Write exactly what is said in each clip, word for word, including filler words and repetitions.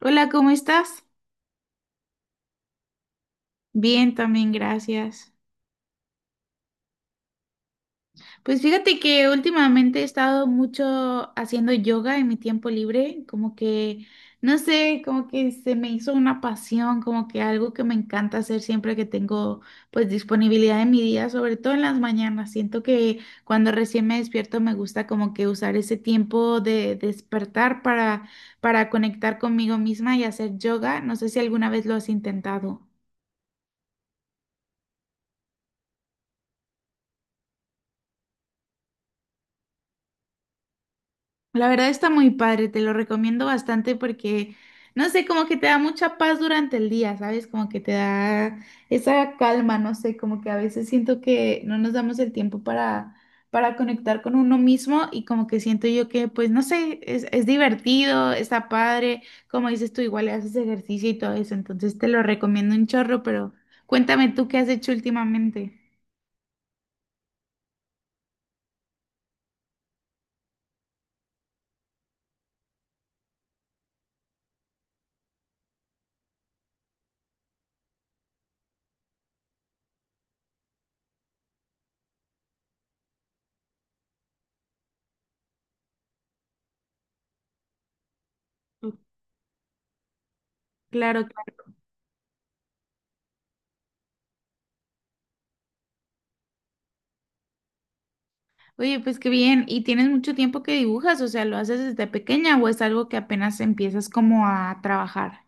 Hola, ¿cómo estás? Bien, también, gracias. Pues fíjate que últimamente he estado mucho haciendo yoga en mi tiempo libre, como que, no sé, como que se me hizo una pasión, como que algo que me encanta hacer siempre que tengo pues disponibilidad en mi día, sobre todo en las mañanas. Siento que cuando recién me despierto me gusta como que usar ese tiempo de despertar para, para conectar conmigo misma y hacer yoga. No sé si alguna vez lo has intentado. La verdad está muy padre, te lo recomiendo bastante porque, no sé, como que te da mucha paz durante el día, ¿sabes? Como que te da esa calma, no sé, como que a veces siento que no nos damos el tiempo para, para conectar con uno mismo, y como que siento yo que, pues, no sé, es, es divertido, está padre, como dices tú, igual haces ejercicio y todo eso, entonces te lo recomiendo un chorro, pero cuéntame tú qué has hecho últimamente. Claro. Claro. Oye, pues qué bien. ¿Y tienes mucho tiempo que dibujas? O sea, ¿lo haces desde pequeña o es algo que apenas empiezas como a trabajar?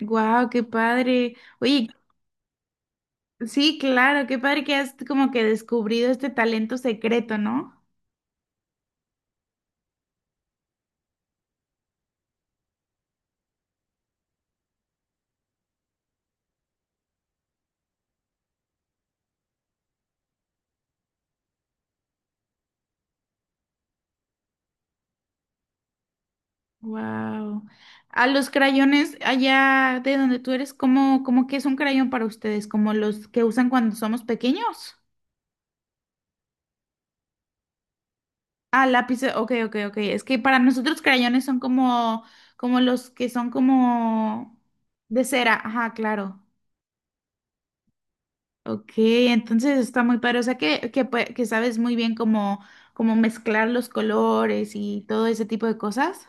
Guau, qué padre. Oye, sí, claro, qué padre que has como que descubrido este talento secreto, ¿no? Wow. A los crayones allá de donde tú eres, ¿cómo, cómo que es un crayón para ustedes? ¿Como los que usan cuando somos pequeños? Ah, lápices. Ok, ok, ok. Es que para nosotros crayones son como, como los que son como de cera. Ajá, claro. Ok, entonces está muy padre. O sea que, que, pue- que sabes muy bien cómo, cómo mezclar los colores y todo ese tipo de cosas.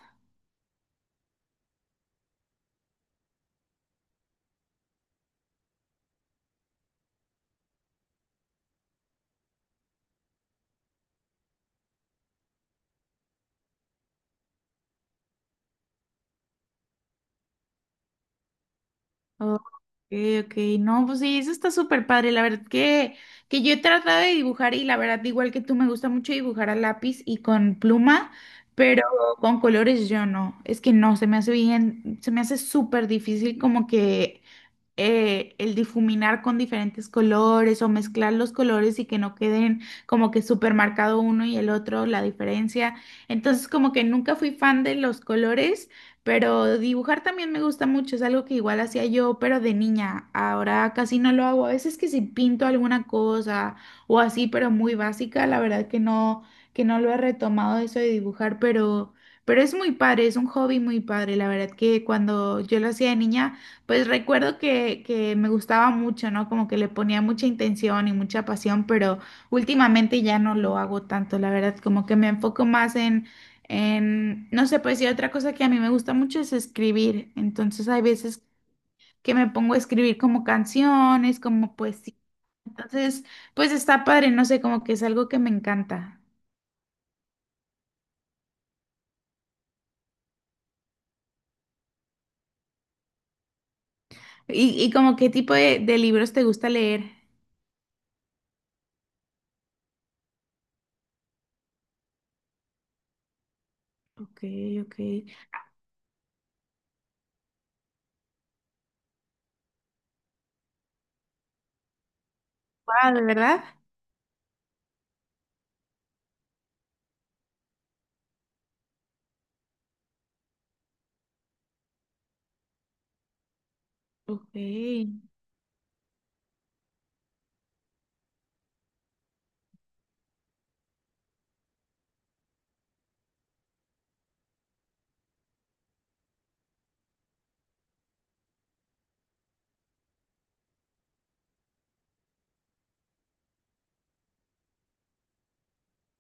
Ok, ok, no, pues sí, eso está súper padre. La verdad que, que yo he tratado de dibujar, y la verdad, igual que tú, me gusta mucho dibujar a lápiz y con pluma, pero con colores yo no. Es que no, se me hace bien, se me hace súper difícil como que eh, el difuminar con diferentes colores o mezclar los colores y que no queden como que súper marcado uno y el otro, la diferencia. Entonces, como que nunca fui fan de los colores, pero dibujar también me gusta mucho, es algo que igual hacía yo, pero de niña. Ahora casi no lo hago. A veces que si pinto alguna cosa o así, pero muy básica, la verdad que no, que no lo he retomado eso de dibujar, pero. Pero es muy padre, es un hobby muy padre. La verdad que cuando yo lo hacía de niña, pues recuerdo que, que me gustaba mucho, ¿no? Como que le ponía mucha intención y mucha pasión, pero últimamente ya no lo hago tanto, la verdad, como que me enfoco más en, en, no sé, pues, y otra cosa que a mí me gusta mucho es escribir, entonces hay veces que me pongo a escribir como canciones, como poesía, entonces, pues está padre, no sé, como que es algo que me encanta. ¿Y, y como qué tipo de, de libros te gusta leer? Ok, ok. Wow, ¿de verdad? Ok.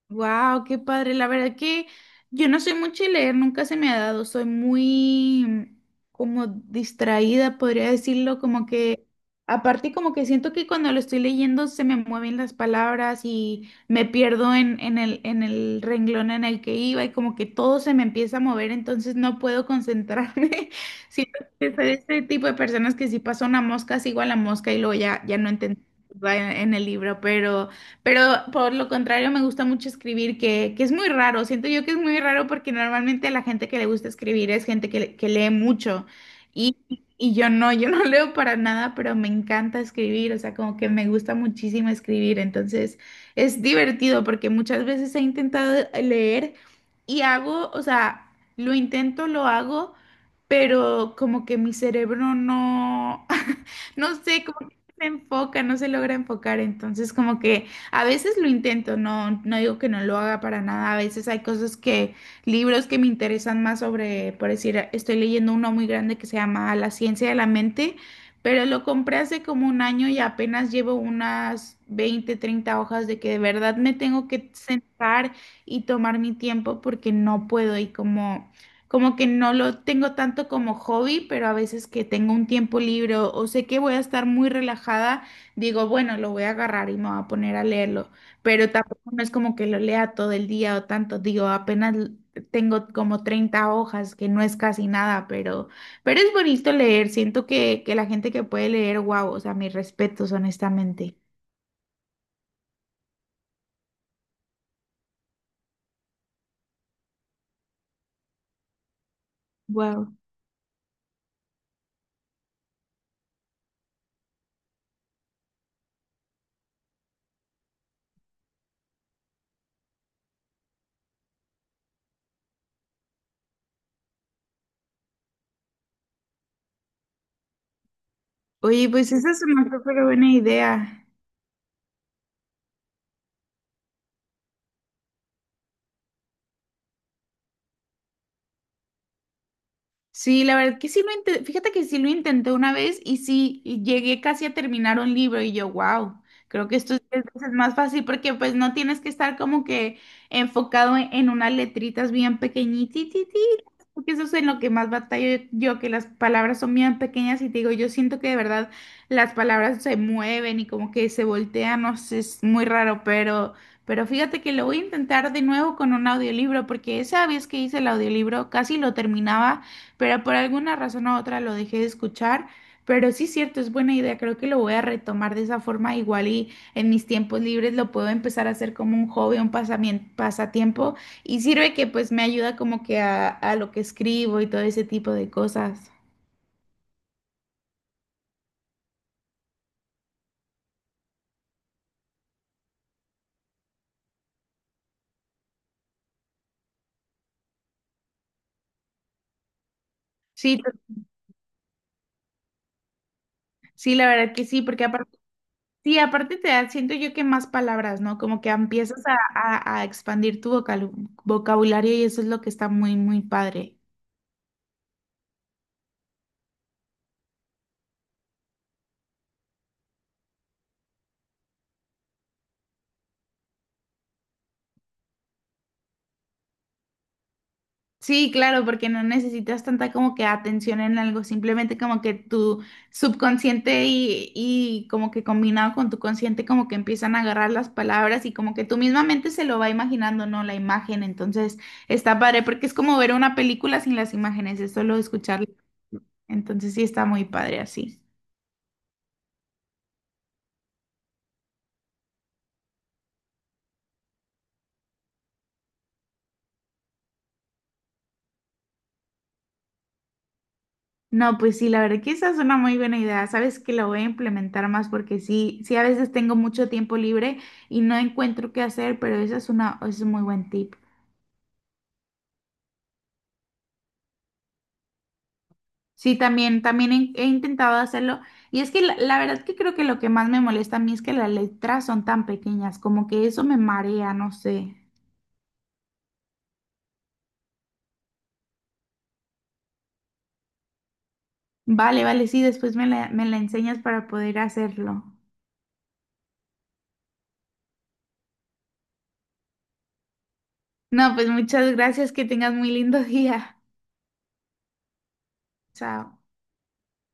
Wow, qué padre. La verdad que yo no soy mucho de leer, nunca se me ha dado. Soy muy mm, como distraída, podría decirlo, como que aparte como que siento que cuando lo estoy leyendo se me mueven las palabras y me pierdo en, en el, en el renglón en el que iba, y como que todo se me empieza a mover, entonces no puedo concentrarme. Siento que soy de este tipo de personas que si pasa una mosca, sigo a la mosca y luego ya, ya no entendí en en el libro, pero pero por lo contrario, me gusta mucho escribir, que, que es muy raro. Siento yo que es muy raro porque normalmente la gente que le gusta escribir es gente que, que lee mucho. Y, y yo no, yo no leo para nada, pero me encanta escribir. O sea, como que me gusta muchísimo escribir. Entonces, es divertido porque muchas veces he intentado leer y hago, o sea, lo intento, lo hago, pero como que mi cerebro no, no sé, como que no se enfoca, no se logra enfocar. Entonces, como que. A veces lo intento, no, no digo que no lo haga para nada. A veces hay cosas que, libros que me interesan más sobre, por decir, estoy leyendo uno muy grande que se llama La ciencia de la mente, pero lo compré hace como un año y apenas llevo unas veinte, treinta hojas, de que de verdad me tengo que sentar y tomar mi tiempo porque no puedo y como. Como que no lo tengo tanto como hobby, pero a veces que tengo un tiempo libre o o sé que voy a estar muy relajada, digo, bueno, lo voy a agarrar y me voy a poner a leerlo, pero tampoco no es como que lo lea todo el día o tanto, digo, apenas l- tengo como treinta hojas, que no es casi nada, pero, pero es bonito leer, siento que, que la gente que puede leer, wow, o sea, mis respetos, honestamente. Wow. Oye, pues esa es una súper buena idea. Sí, la verdad que sí lo intenté, fíjate que sí lo intenté una vez y sí y llegué casi a terminar un libro y yo, wow, creo que esto es diez veces más fácil porque pues no tienes que estar como que enfocado en, en unas letritas bien pequeñititas, porque eso es en lo que más batallo yo, que las palabras son bien pequeñas y te digo, yo siento que de verdad las palabras se mueven y como que se voltean, no sé, es muy raro, pero. Pero fíjate que lo voy a intentar de nuevo con un audiolibro, porque esa vez que hice el audiolibro casi lo terminaba, pero por alguna razón u otra lo dejé de escuchar. Pero sí, cierto, es buena idea. Creo que lo voy a retomar de esa forma. Igual y en mis tiempos libres lo puedo empezar a hacer como un hobby, un pasami- pasatiempo. Y sirve que pues me ayuda como que a, a lo que escribo y todo ese tipo de cosas. Sí, to- sí, la verdad que sí, porque aparte, sí, aparte te da, siento yo que más palabras, ¿no? Como que empiezas a, a- a expandir tu vocal- vocabulario, y eso es lo que está muy, muy padre. Sí, claro, porque no necesitas tanta como que atención en algo, simplemente como que tu subconsciente y, y como que combinado con tu consciente como que empiezan a agarrar las palabras, y como que tu misma mente se lo va imaginando, ¿no? La imagen, entonces está padre porque es como ver una película sin las imágenes, es solo escucharla, entonces sí está muy padre así. No, pues sí, la verdad que esa es una muy buena idea. Sabes que la voy a implementar más porque sí, sí a veces tengo mucho tiempo libre y no encuentro qué hacer, pero esa es una, es un muy buen tip. Sí, también, también he, he intentado hacerlo, y es que la, la verdad que creo que lo que más me molesta a mí es que las letras son tan pequeñas, como que eso me marea, no sé. Vale, vale, sí, después me la, me la enseñas para poder hacerlo. No, pues muchas gracias, que tengas muy lindo día. Chao.